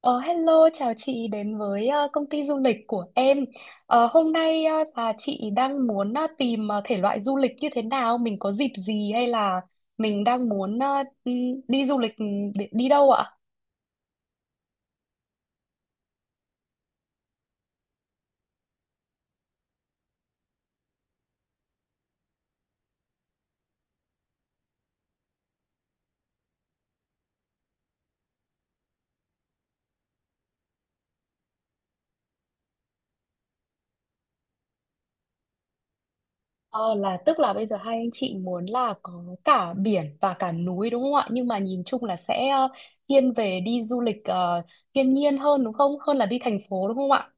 Ờ, Hello, chào chị đến với công ty du lịch của em. Hôm nay là chị đang muốn tìm thể loại du lịch như thế nào, mình có dịp gì hay là mình đang muốn ừ, đi du lịch, để đi đâu ạ? Ờ, là tức là bây giờ hai anh chị muốn là có cả biển và cả núi đúng không ạ? Nhưng mà nhìn chung là sẽ thiên về đi du lịch thiên nhiên hơn đúng không? Hơn là đi thành phố đúng không ạ?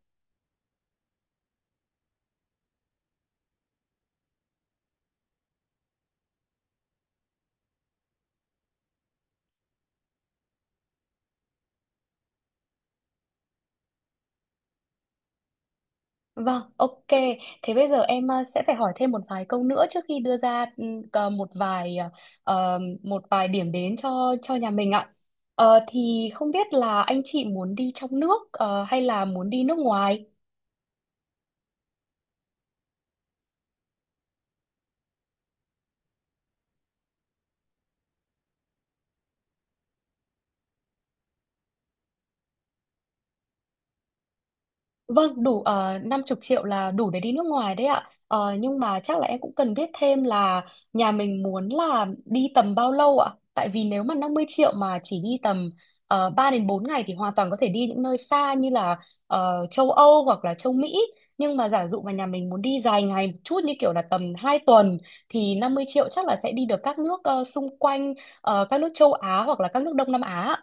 Vâng, ok. Thế bây giờ em sẽ phải hỏi thêm một vài câu nữa trước khi đưa ra cờ- một vài một vài điểm đến cho nhà mình ạ. Thì không biết là anh chị muốn đi trong nước hay là muốn đi nước ngoài? Vâng, đủ 50 triệu là đủ để đi nước ngoài đấy ạ. Nhưng mà chắc là em cũng cần biết thêm là nhà mình muốn là đi tầm bao lâu ạ? Tại vì nếu mà 50 triệu mà chỉ đi tầm 3 đến bốn ngày thì hoàn toàn có thể đi những nơi xa như là châu Âu hoặc là châu Mỹ. Nhưng mà giả dụ mà nhà mình muốn đi dài ngày một chút như kiểu là tầm 2 tuần thì 50 triệu chắc là sẽ đi được các nước xung quanh, các nước châu Á hoặc là các nước Đông Nam Á.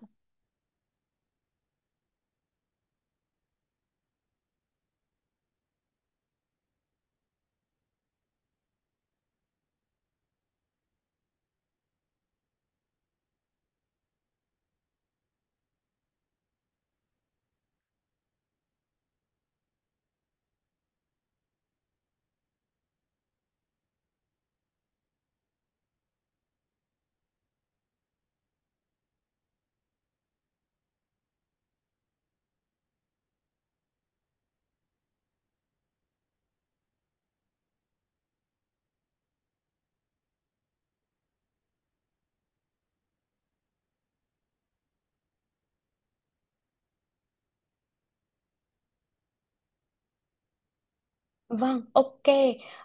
Vâng, ok.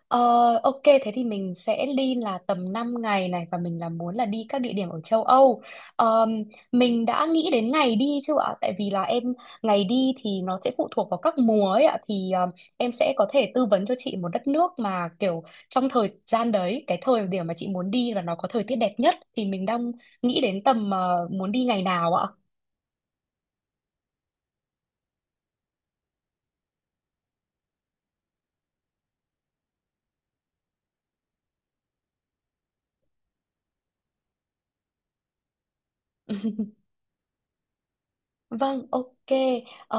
Ờ, ok, thế thì mình sẽ đi là tầm 5 ngày này và mình là muốn là đi các địa điểm ở châu Âu. Ờm, mình đã nghĩ đến ngày đi chưa ạ? Tại vì là em ngày đi thì nó sẽ phụ thuộc vào các mùa ấy ạ. Thì em sẽ có thể tư vấn cho chị một đất nước mà kiểu trong thời gian đấy, cái thời điểm mà chị muốn đi là nó có thời tiết đẹp nhất. Thì mình đang nghĩ đến tầm muốn đi ngày nào ạ? Vâng, ok. Ờ,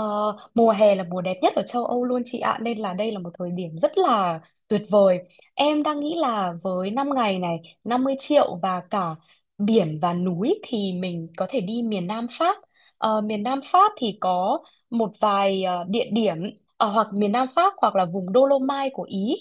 Mùa hè là mùa đẹp nhất ở châu Âu luôn chị ạ, nên là đây là một thời điểm rất là tuyệt vời. Em đang nghĩ là với 5 ngày này, 50 triệu và cả biển và núi thì mình có thể đi miền Nam Pháp. Miền Nam Pháp thì có một vài địa điểm ở hoặc miền Nam Pháp hoặc là vùng Dolomite của Ý.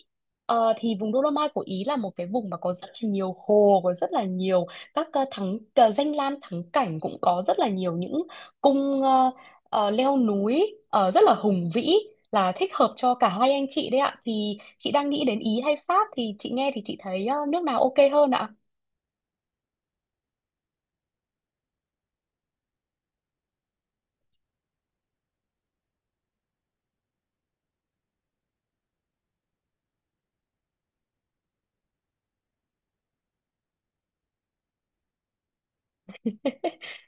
Thì vùng Dolomite của Ý là một cái vùng mà có rất là nhiều hồ, có rất là nhiều các danh lam thắng cảnh, cũng có rất là nhiều những cung leo núi rất là hùng vĩ, là thích hợp cho cả hai anh chị đấy ạ. Thì chị đang nghĩ đến Ý hay Pháp, thì chị nghe thì chị thấy nước nào ok hơn ạ?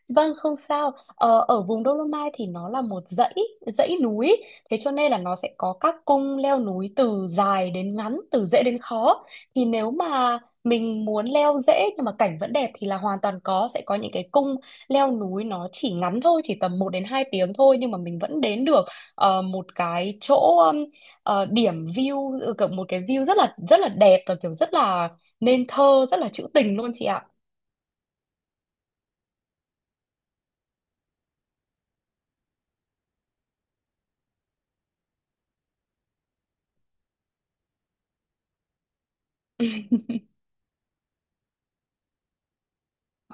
Vâng, không sao. Ờ, Ở vùng Dolomite thì nó là một dãy dãy núi, thế cho nên là nó sẽ có các cung leo núi từ dài đến ngắn, từ dễ đến khó. Thì nếu mà mình muốn leo dễ nhưng mà cảnh vẫn đẹp thì là hoàn toàn có, sẽ có những cái cung leo núi nó chỉ ngắn thôi, chỉ tầm 1 đến 2 tiếng thôi, nhưng mà mình vẫn đến được một cái chỗ, um, điểm view, kiểu một cái view rất là đẹp, và kiểu rất là nên thơ, rất là trữ tình luôn chị ạ.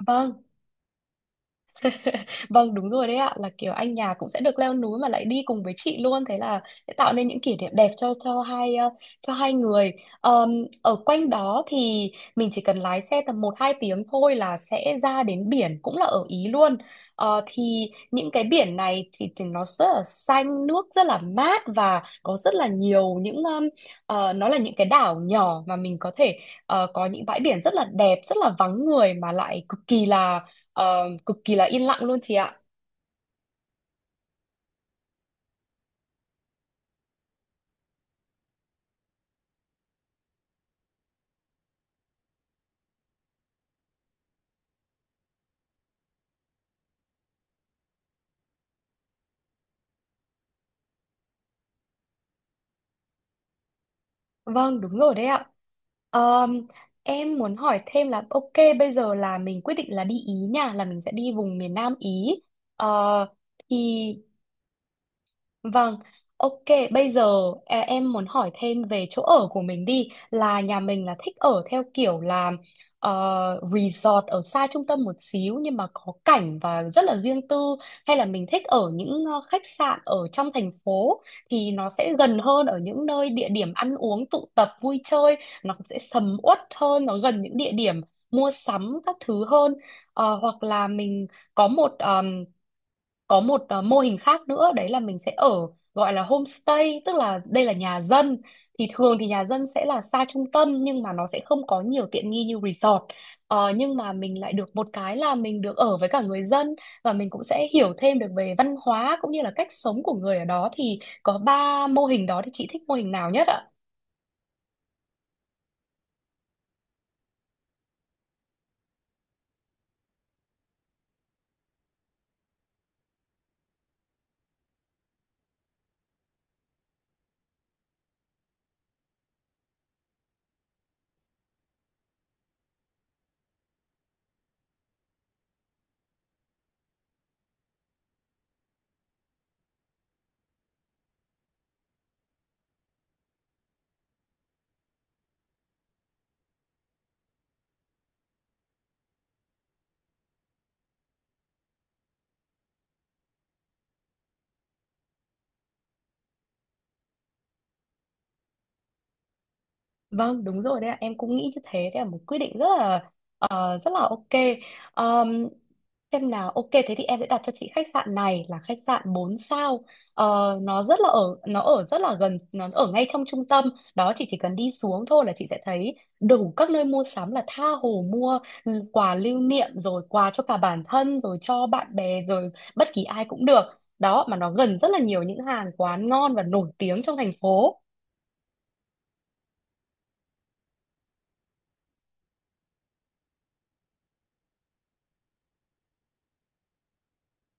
Vâng. Vâng đúng rồi đấy ạ, là kiểu anh nhà cũng sẽ được leo núi mà lại đi cùng với chị luôn, thế là sẽ tạo nên những kỷ niệm đẹp cho cho hai người. Ờm, Ở quanh đó thì mình chỉ cần lái xe tầm một 2 tiếng thôi là sẽ ra đến biển cũng là ở Ý luôn. Thì những cái biển này thì nó rất là xanh, nước rất là mát, và có rất là nhiều những nó là những cái đảo nhỏ mà mình có thể có những bãi biển rất là đẹp, rất là vắng người mà lại cực kỳ là yên lặng luôn chị ạ. Vâng, đúng rồi đấy ạ. Ờm, em muốn hỏi thêm là, ok, bây giờ là mình quyết định là đi Ý nha, là mình sẽ đi vùng miền Nam Ý. Ờ, thì Vâng, ok, bây giờ em muốn hỏi thêm về chỗ ở của mình đi, là nhà mình là thích ở theo kiểu là resort ở xa trung tâm một xíu nhưng mà có cảnh và rất là riêng tư, hay là mình thích ở những khách sạn ở trong thành phố thì nó sẽ gần hơn ở những nơi địa điểm ăn uống tụ tập vui chơi, nó cũng sẽ sầm uất hơn, nó gần những địa điểm mua sắm các thứ hơn. Hoặc là mình có một mô hình khác nữa, đấy là mình sẽ ở, gọi là homestay, tức là đây là nhà dân. Thì thường thì nhà dân sẽ là xa trung tâm nhưng mà nó sẽ không có nhiều tiện nghi như resort. Nhưng mà mình lại được một cái là mình được ở với cả người dân, và mình cũng sẽ hiểu thêm được về văn hóa cũng như là cách sống của người ở đó. Thì có 3 mô hình đó, thì chị thích mô hình nào nhất ạ? Vâng, đúng rồi đấy ạ. Em cũng nghĩ như thế. Đấy là một quyết định rất là ok. Ờm, xem nào, ok thế thì em sẽ đặt cho chị khách sạn này là khách sạn 4 sao. Nó rất là ở nó ở rất là gần, nó ở ngay trong trung tâm. Đó, chị chỉ cần đi xuống thôi là chị sẽ thấy đủ các nơi mua sắm, là tha hồ mua quà lưu niệm, rồi quà cho cả bản thân, rồi cho bạn bè, rồi bất kỳ ai cũng được. Đó, mà nó gần rất là nhiều những hàng quán ngon và nổi tiếng trong thành phố.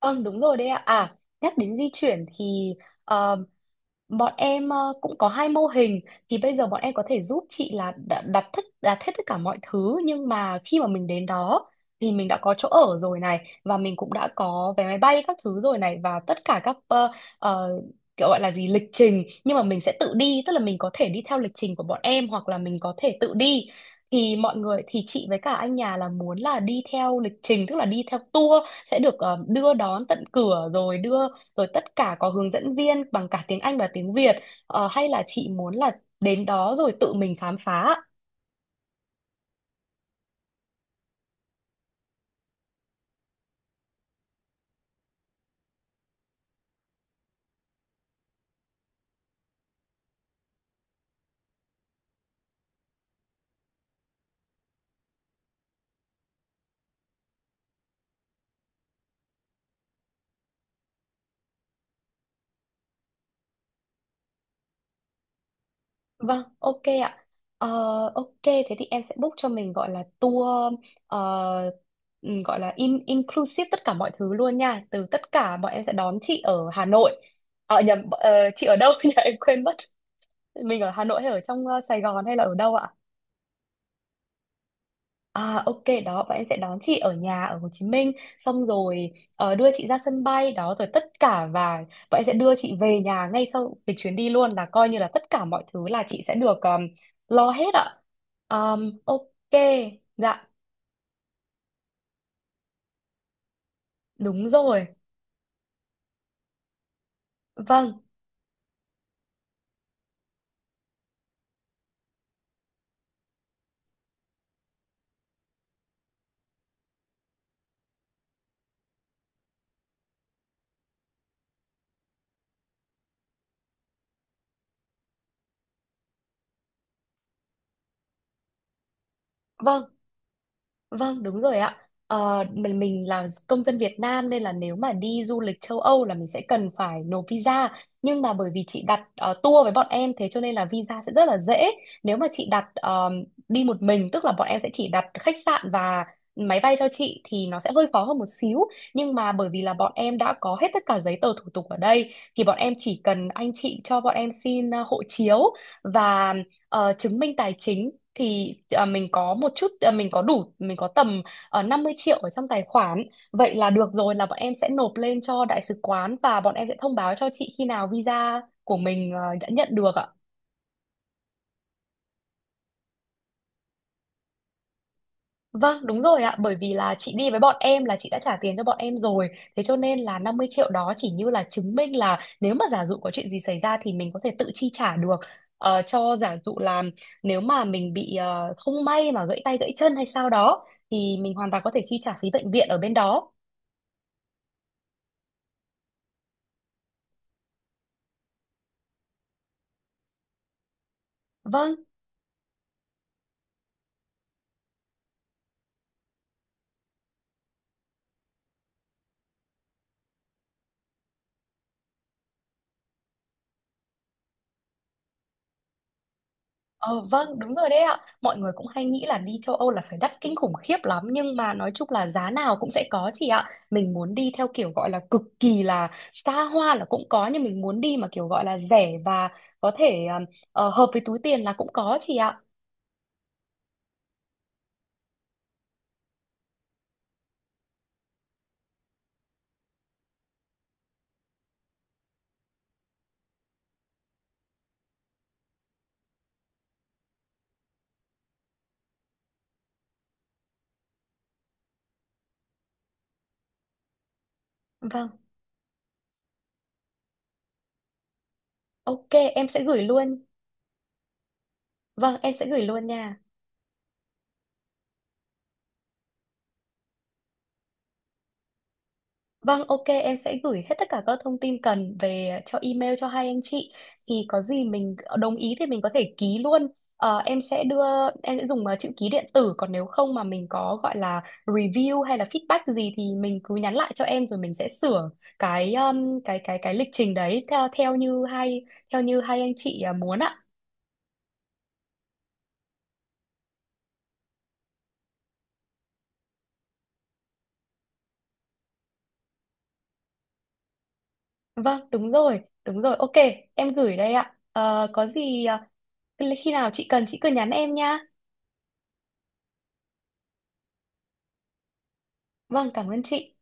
Vâng đúng rồi đấy ạ. À, nhắc đến di chuyển thì, ờ, bọn em cũng có 2 mô hình. Thì bây giờ bọn em có thể giúp chị là đặt hết tất cả mọi thứ, nhưng mà khi mà mình đến đó thì mình đã có chỗ ở rồi này, và mình cũng đã có vé máy bay các thứ rồi này, và tất cả các ờ, kiểu gọi là gì, lịch trình, nhưng mà mình sẽ tự đi, tức là mình có thể đi theo lịch trình của bọn em hoặc là mình có thể tự đi. Thì mọi người, thì chị với cả anh nhà là muốn là đi theo lịch trình, tức là đi theo tour, sẽ được đưa đón tận cửa rồi, rồi tất cả có hướng dẫn viên bằng cả tiếng Anh và tiếng Việt. Hay là chị muốn là đến đó rồi tự mình khám phá ạ? Vâng, ok ạ. Ờ, ok, thế thì em sẽ book cho mình, gọi là tour, ờ, ừ, gọi là inclusive tất cả mọi thứ luôn nha. Từ tất cả bọn em sẽ đón chị ở Hà Nội. Nhầm, chị ở đâu nhỉ? Em quên mất. Mình ở Hà Nội hay ở trong Sài Gòn hay là ở đâu ạ? À, ok, đó bọn em sẽ đón chị ở nhà ở Hồ Chí Minh, xong rồi đưa chị ra sân bay, đó rồi tất cả, và bọn em sẽ đưa chị về nhà ngay sau cái chuyến đi luôn, là coi như là tất cả mọi thứ là chị sẽ được lo hết ạ. Ok. Dạ đúng rồi. Vâng, vâng. Vâng, đúng rồi ạ. Mình là công dân Việt Nam nên là nếu mà đi du lịch châu Âu là mình sẽ cần phải nộp visa. Nhưng mà bởi vì chị đặt tour với bọn em, thế cho nên là visa sẽ rất là dễ. Nếu mà chị đặt đi một mình, tức là bọn em sẽ chỉ đặt khách sạn và máy bay cho chị thì nó sẽ hơi khó hơn một xíu. Nhưng mà bởi vì là bọn em đã có hết tất cả giấy tờ thủ tục ở đây, thì bọn em chỉ cần anh chị cho bọn em xin hộ chiếu và chứng minh tài chính, thì à, mình có một chút à, mình có đủ mình có tầm 50 triệu ở trong tài khoản, vậy là được rồi, là bọn em sẽ nộp lên cho đại sứ quán và bọn em sẽ thông báo cho chị khi nào visa của mình đã nhận được ạ. Vâng, đúng rồi ạ, bởi vì là chị đi với bọn em là chị đã trả tiền cho bọn em rồi. Thế cho nên là 50 triệu đó chỉ như là chứng minh là nếu mà giả dụ có chuyện gì xảy ra thì mình có thể tự chi trả được. Cho giả dụ là nếu mà mình bị không may mà gãy tay gãy chân hay sao đó, thì mình hoàn toàn có thể chi trả phí bệnh viện ở bên đó. Vâng, ờ, vâng, đúng rồi đấy ạ. Mọi người cũng hay nghĩ là đi châu Âu là phải đắt kinh khủng khiếp lắm, nhưng mà nói chung là giá nào cũng sẽ có chị ạ. Mình muốn đi theo kiểu gọi là cực kỳ là xa hoa là cũng có, nhưng mình muốn đi mà kiểu gọi là rẻ và có thể hợp với túi tiền là cũng có chị ạ. Vâng, ok, em sẽ gửi luôn. Vâng, em sẽ gửi luôn nha. Vâng, ok, em sẽ gửi hết tất cả các thông tin cần về, cho email cho hai anh chị. Thì có gì mình đồng ý thì mình có thể ký luôn. Ờ, em sẽ đưa Em sẽ dùng chữ ký điện tử, còn nếu không mà mình có gọi là review hay là feedback gì thì mình cứ nhắn lại cho em rồi mình sẽ sửa cái lịch trình đấy theo theo như hai anh chị muốn ạ. Vâng, đúng rồi, đúng rồi. Ok, em gửi đây ạ. Ờ, có gì, khi nào chị cần chị cứ nhắn em nha. Vâng, cảm ơn chị.